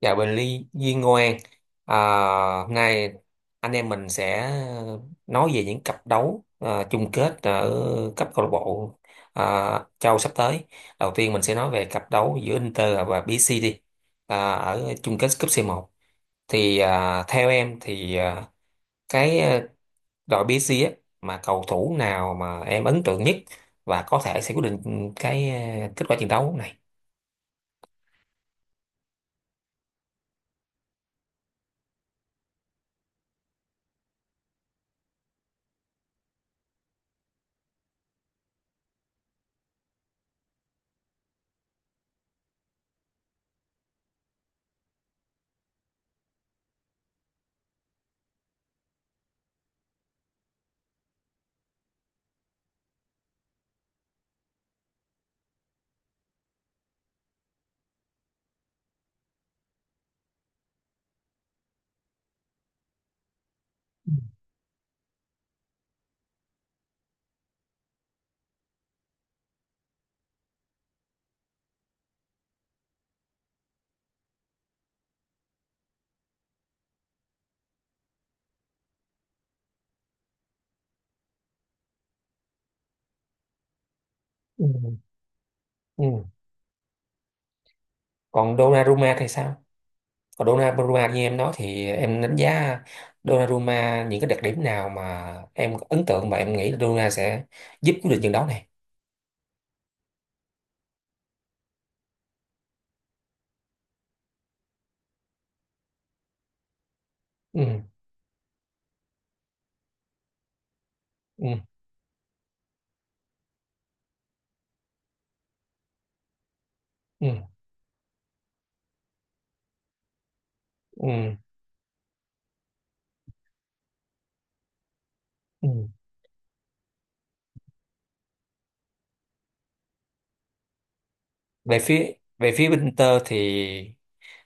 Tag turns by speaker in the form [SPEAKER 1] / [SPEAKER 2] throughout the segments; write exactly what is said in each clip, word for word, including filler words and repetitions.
[SPEAKER 1] Chào Bình Ly Duyên Ngoan, à, hôm nay anh em mình sẽ nói về những cặp đấu, à, chung kết ở cấp câu lạc bộ, à, châu sắp tới. Đầu tiên mình sẽ nói về cặp đấu giữa Inter và bê xê đi, à, ở chung kết cúp xê một. Thì à, theo em thì à, cái à, đội bê xê á, mà cầu thủ nào mà em ấn tượng nhất và có thể sẽ quyết định cái à, kết quả trận đấu này? Ừ. Ừ. Còn Donnarumma thì sao? Còn Donnarumma, như em nói thì em đánh giá Donnarumma, những cái đặc điểm nào mà em ấn tượng mà em nghĩ là Donnarumma sẽ giúp quyết định trận đấu này? Ừ, ừ, ừ, ừ, ừ. Về phía về phía bên Inter thì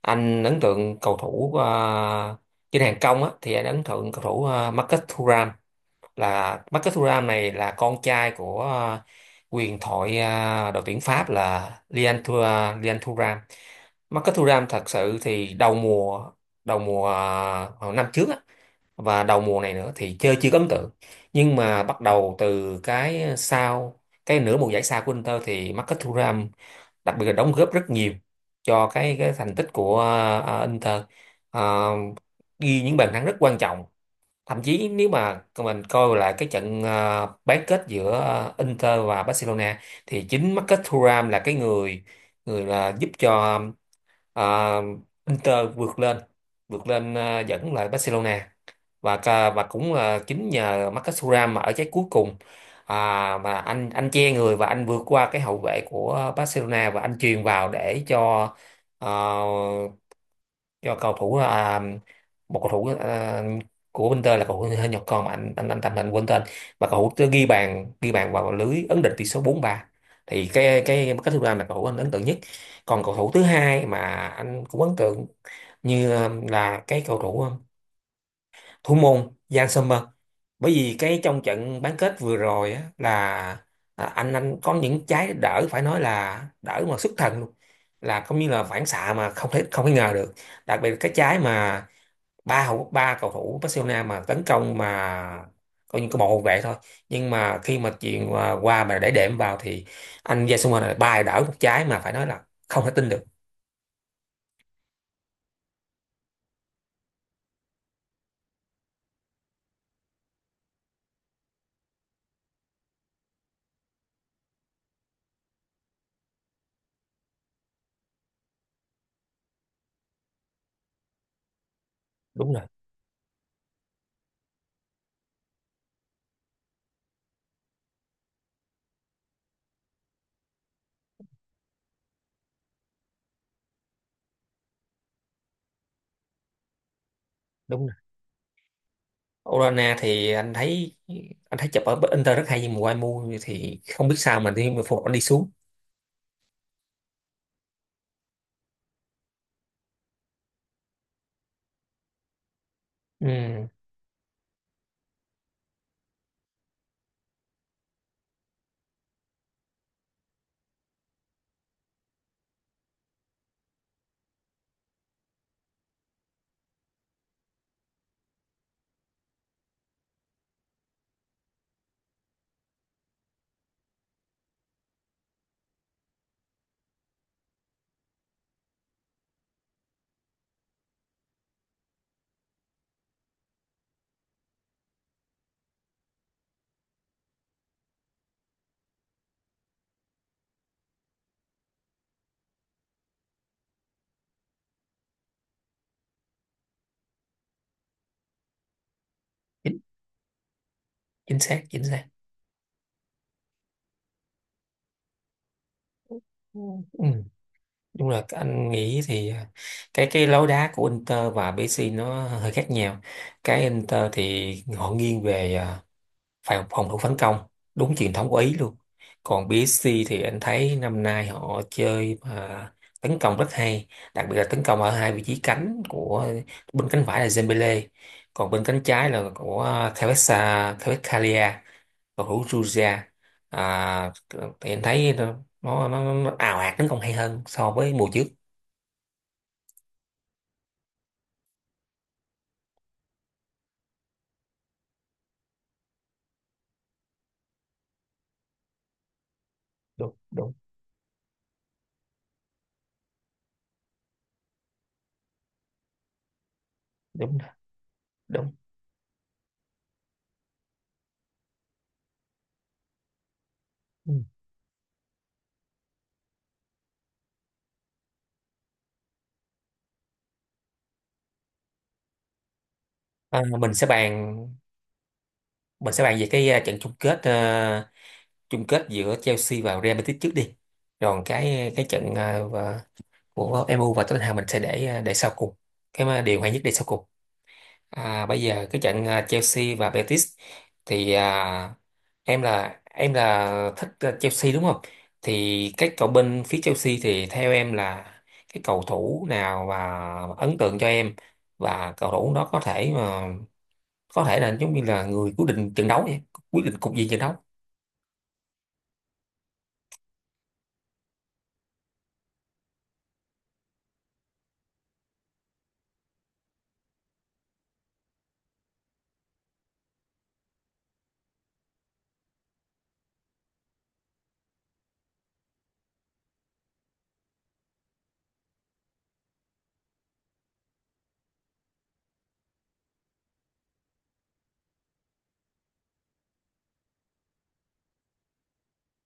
[SPEAKER 1] anh ấn tượng cầu thủ ờ, trên hàng công á, thì anh ấn tượng cầu thủ ờ, Marcus Thuram. Là Marcus Thuram này là con trai của ờ, quyền thoại, ờ, đội tuyển Pháp là Lian Thu Lian Thuram. Marcus Thuram thật sự thì đầu mùa đầu mùa ờ, hồi năm trước á, và đầu mùa này nữa thì chơi chưa có ấn tượng, nhưng mà bắt đầu từ cái sau cái nửa mùa giải sau của Inter thì Marcus Thuram đặc biệt là đóng góp rất nhiều cho cái cái thành tích của ờ, Inter. Ờ, Ghi những bàn thắng rất quan trọng, thậm chí nếu mà mình coi lại cái trận ờ, bán kết giữa ờ, Inter và Barcelona, thì chính Marcus Thuram là cái người người là giúp cho ờ, Inter vượt lên vượt lên ờ, dẫn lại Barcelona, và ca- và cũng là chính nhờ Marcus Thuram mà ở trái cuối cùng, à, mà anh anh che người và anh vượt qua cái hậu vệ của Barcelona và anh chuyền vào để cho, ờ, do cầu thủ à, một cầu thủ, à, của Inter là cầu thủ người Nhật con mà anh anh anh tạm, anh quên tên, mà cầu thủ tới ghi bàn ghi bàn vào lưới ấn định tỷ số bốn ba. Thì cái cái cái thứ ba là cầu thủ anh ấn tượng nhất. Còn cầu thủ thứ hai mà anh cũng ấn tượng như à, là cái cầu thủ à, thủ môn Jan Sommer, bởi vì cái trong trận bán kết vừa rồi á, là à, anh anh có những trái đỡ phải nói là đỡ mà xuất thần luôn, là cũng như là phản xạ mà không thể không thể ngờ được. Đặc biệt là cái trái mà ba hậu ba cầu thủ Barcelona mà tấn công mà coi như có bộ hậu vệ thôi, nhưng mà khi mà chuyện qua qua mà để đệm vào thì anh Jan Sommer này ba đỡ một trái mà phải nói là không thể tin được. Đúng rồi. Đúng. Orana thì anh thấy anh thấy chụp ở Inter rất hay nhưng mà qua mua thì không biết sao mà đi mà phục anh đi xuống. Ừ, chính, chính xác, chính xác. Ừ, đúng là anh nghĩ thì à, cái cái lối đá của Inter và pê ét giê nó hơi khác nhau. Cái Inter thì họ nghiêng về à, phòng phòng thủ phản công, đúng truyền thống của Ý luôn. Còn pê ét giê thì anh thấy năm nay họ chơi mà tấn công rất hay, đặc biệt là tấn công ở hai vị trí cánh của, bên cánh phải là Dembele, còn bên cánh trái là của Kvaratskhelia Kvaratskhelia, cầu thủ Georgia. À, thì anh thấy nó nó, nó, nó ào ạt tấn công hay hơn so với mùa trước. Đúng, đúng, đúng, đúng. Ừ. À, mình sẽ bàn mình sẽ bàn về cái uh, trận chung kết, ờ, chung kết giữa Chelsea và Real Betis trước đi. Rồi cái cái trận à, và- của em u và Tottenham mình sẽ để à, để sau cùng, cái mà điều hay nhất để sau cùng. À, bây giờ cái trận, à, Chelsea và Betis, thì à, em là em là thích à, Chelsea đúng không? Thì cái cầu bên phía Chelsea thì theo em là cái cầu thủ nào mà ấn tượng cho em, và cầu thủ đó có thể mà có thể là giống như là người quyết định trận đấu vậy, quyết định cục diện trận đấu.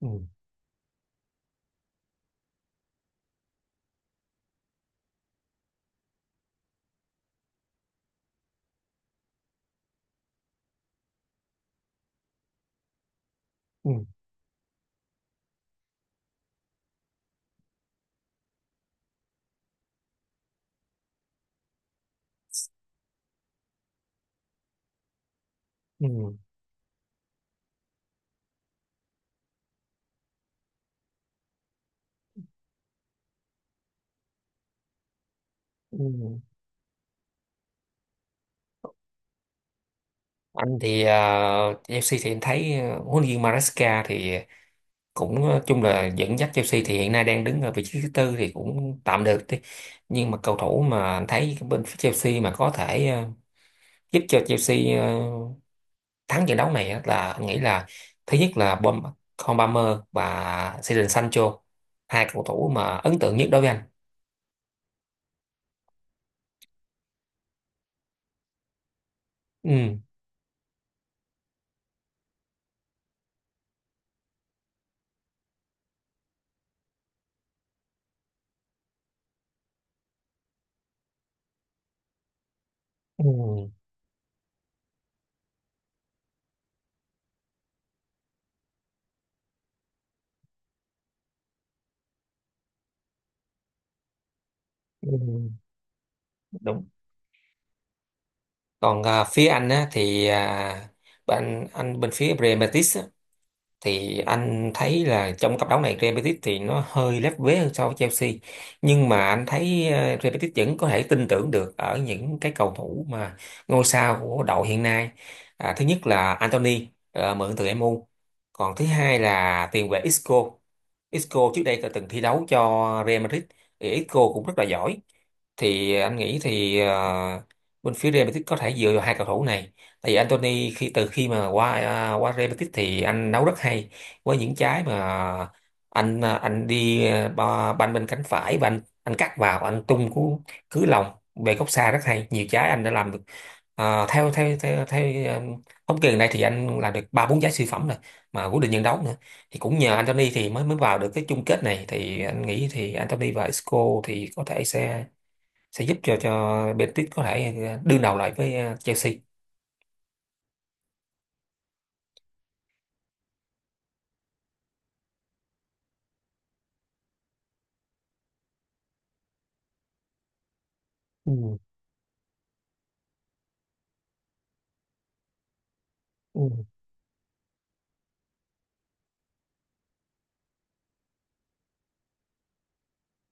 [SPEAKER 1] Ừ. Ừ. Ừ. Ừ. Anh thì uh, Chelsea thì em thấy ờ, huấn luyện viên Maresca thì cũng, ờ, chung là dẫn dắt Chelsea thì hiện nay đang đứng ở vị trí thứ tư thì cũng tạm được đi. Nhưng mà cầu thủ mà anh thấy bên phía Chelsea mà có thể ờ, giúp cho Chelsea ờ, thắng trận đấu này á là anh nghĩ là thứ nhất là Bom Con Palmer và Jadon Sancho, hai cầu thủ mà ấn tượng nhất đối với anh. Ừ, ừ, ừ, đúng. Còn ờ, phía anh á thì ờ, bên anh bên phía Real Betis, thì anh thấy là trong cặp đấu này Real Betis thì nó hơi lép vế hơn so với Chelsea, nhưng mà anh thấy ờ, Real Betis vẫn có thể tin tưởng được ở những cái cầu thủ mà ngôi sao của đội hiện nay. À, thứ nhất là Anthony, ờ, mượn từ em u. Còn thứ hai là tiền vệ Isco Isco trước đây đã từng thi đấu cho Real Madrid, thì Isco cũng rất là giỏi. Thì anh nghĩ thì ờ, bên phía Real Betis có thể dựa vào hai cầu thủ này. Tại vì Anthony khi từ khi mà qua à, qua Real Betis thì anh nấu rất hay, với những trái mà anh à, anh đi à, ba- banh bên cánh phải và anh anh cắt vào anh tung cú cứ lòng về góc xa rất hay, nhiều trái anh đã làm được. À, theo theo theo theo à, thống kê gần đây thì anh làm được ba bốn trái siêu phẩm rồi, mà quyết định nhân đấu nữa, thì cũng nhờ Anthony thì mới mới vào được cái chung kết này. Thì anh nghĩ thì Anthony và Isco thì có thể sẽ sẽ giúp cho cho Betis có thể à, đương đầu lại với ờ, Chelsea. Ừ, ừ,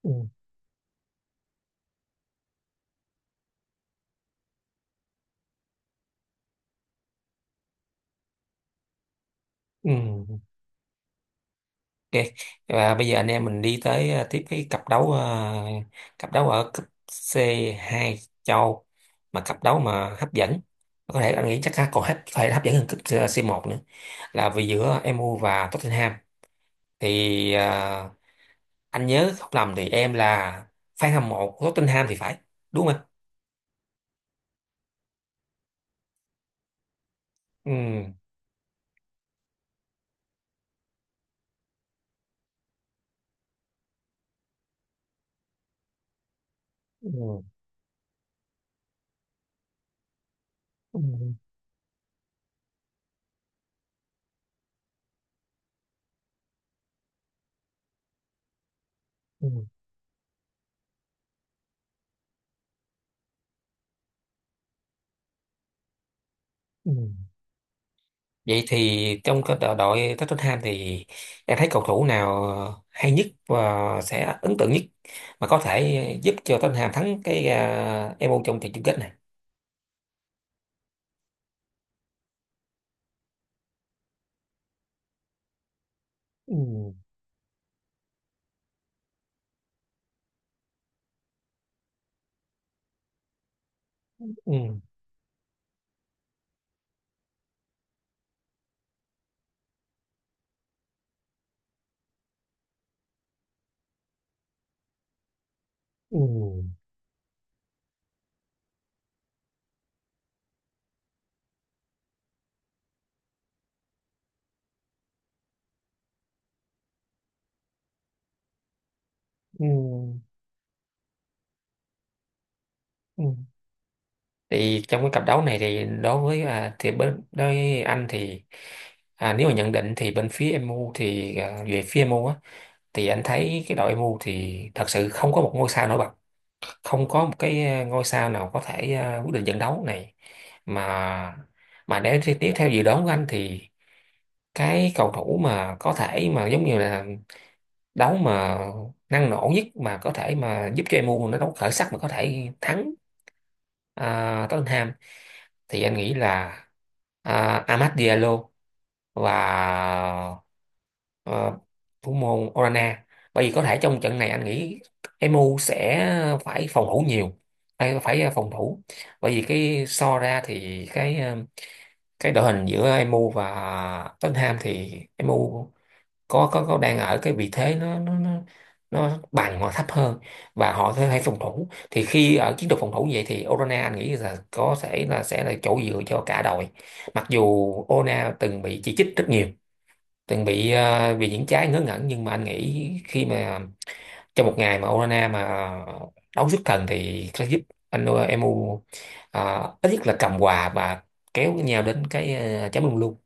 [SPEAKER 1] ừ. Ừ. Ok, và bây giờ anh em mình đi tới, ờ, tiếp cái cặp đấu, ờ, cặp đấu ở cấp c hai châu, mà cặp đấu mà hấp dẫn, có thể anh nghĩ chắc còn hấp phải hấp dẫn hơn cấp c một nữa, là vì giữa em u và Tottenham. Thì ờ, anh nhớ không lầm thì em là fan hâm mộ của Tottenham thì phải, đúng không anh? Ừ. Ừ, ừ, ừ, ừ. Vậy thì trong cái đội đội Tottenham thì em thấy cầu thủ nào hay nhất và sẽ ấn tượng nhất mà có thể giúp cho Tottenham thắng cái uh, em iu trong trận chung kết này? Ừ, ừ, ừ, ừ, ừ. Thì trong cái cặp đấu này thì đối với à, thì bên đối với anh thì à, nếu mà nhận định thì bên phía em iu thì à, về phía em iu á thì anh thấy cái đội em u thì thật sự không có một ngôi sao nổi bật, không có một cái ờ, ngôi sao nào có thể ờ, quyết định trận đấu này. Mà mà để thi- tiếp theo dự đoán của anh thì cái cầu thủ mà có thể mà giống như là đấu mà năng nổ nhất mà có thể mà giúp cho em u nó đấu khởi sắc mà có thể thắng uh, Tottenham, thì anh nghĩ là uh, Amad Diallo và, ờ, thủ môn Orana. Bởi vì có thể trong trận này anh nghĩ Emu sẽ phải phòng thủ nhiều, phải, phải phòng thủ. Bởi vì cái so ra thì cái ờ, cái đội hình giữa Emu và Tottenham thì Emu có có có đang ở cái vị thế nó nó nó nó bằng hoặc thấp hơn, và họ sẽ phải phòng thủ. Thì khi ở chiến thuật phòng thủ như vậy thì Orana anh nghĩ là có thể là sẽ là chỗ dựa cho cả đội, mặc dù Orana từng bị chỉ trích rất nhiều, từng bị ờ, vì những trái ngớ ngẩn, nhưng mà anh nghĩ khi mà trong một ngày mà Orana mà đấu xuất thần thì sẽ giúp anh, ờ, Emu ờ, ít nhất là cầm hòa và kéo nhau đến cái, ờ, chấm luôn luôn.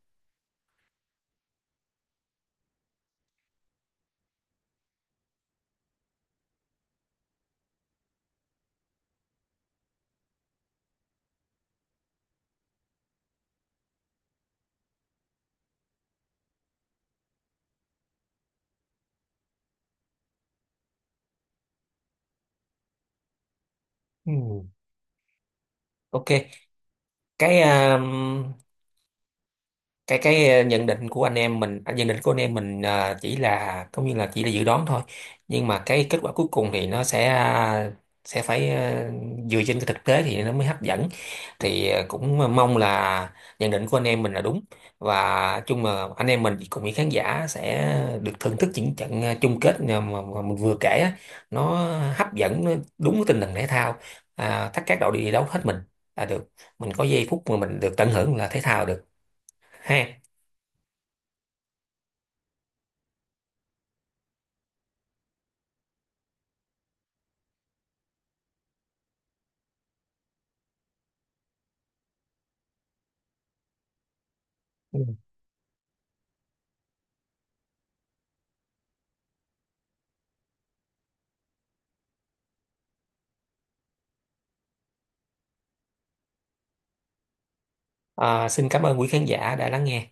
[SPEAKER 1] Ừ, ok. Cái ờ, cái cái ờ, nhận định của anh em mình, à, nhận định của anh em mình ờ, chỉ là cũng như là chỉ là dự đoán thôi, nhưng mà cái kết quả cuối cùng thì nó sẽ ờ, sẽ phải ờ, dựa trên cái thực tế thì nó mới hấp dẫn. Thì ờ, cũng mong là nhận định của anh em mình là đúng, và chung mà anh em mình cùng với khán giả sẽ được thưởng thức những trận ờ, chung kết mà, mà mà mình vừa kể á, nó hấp dẫn, nó đúng cái tinh thần thể thao, à, tất các đội đi đấu hết mình là được, mình có giây phút mà mình được tận hưởng là thể thao được, ha. Ừ. À, xin cảm ơn quý khán giả đã lắng nghe.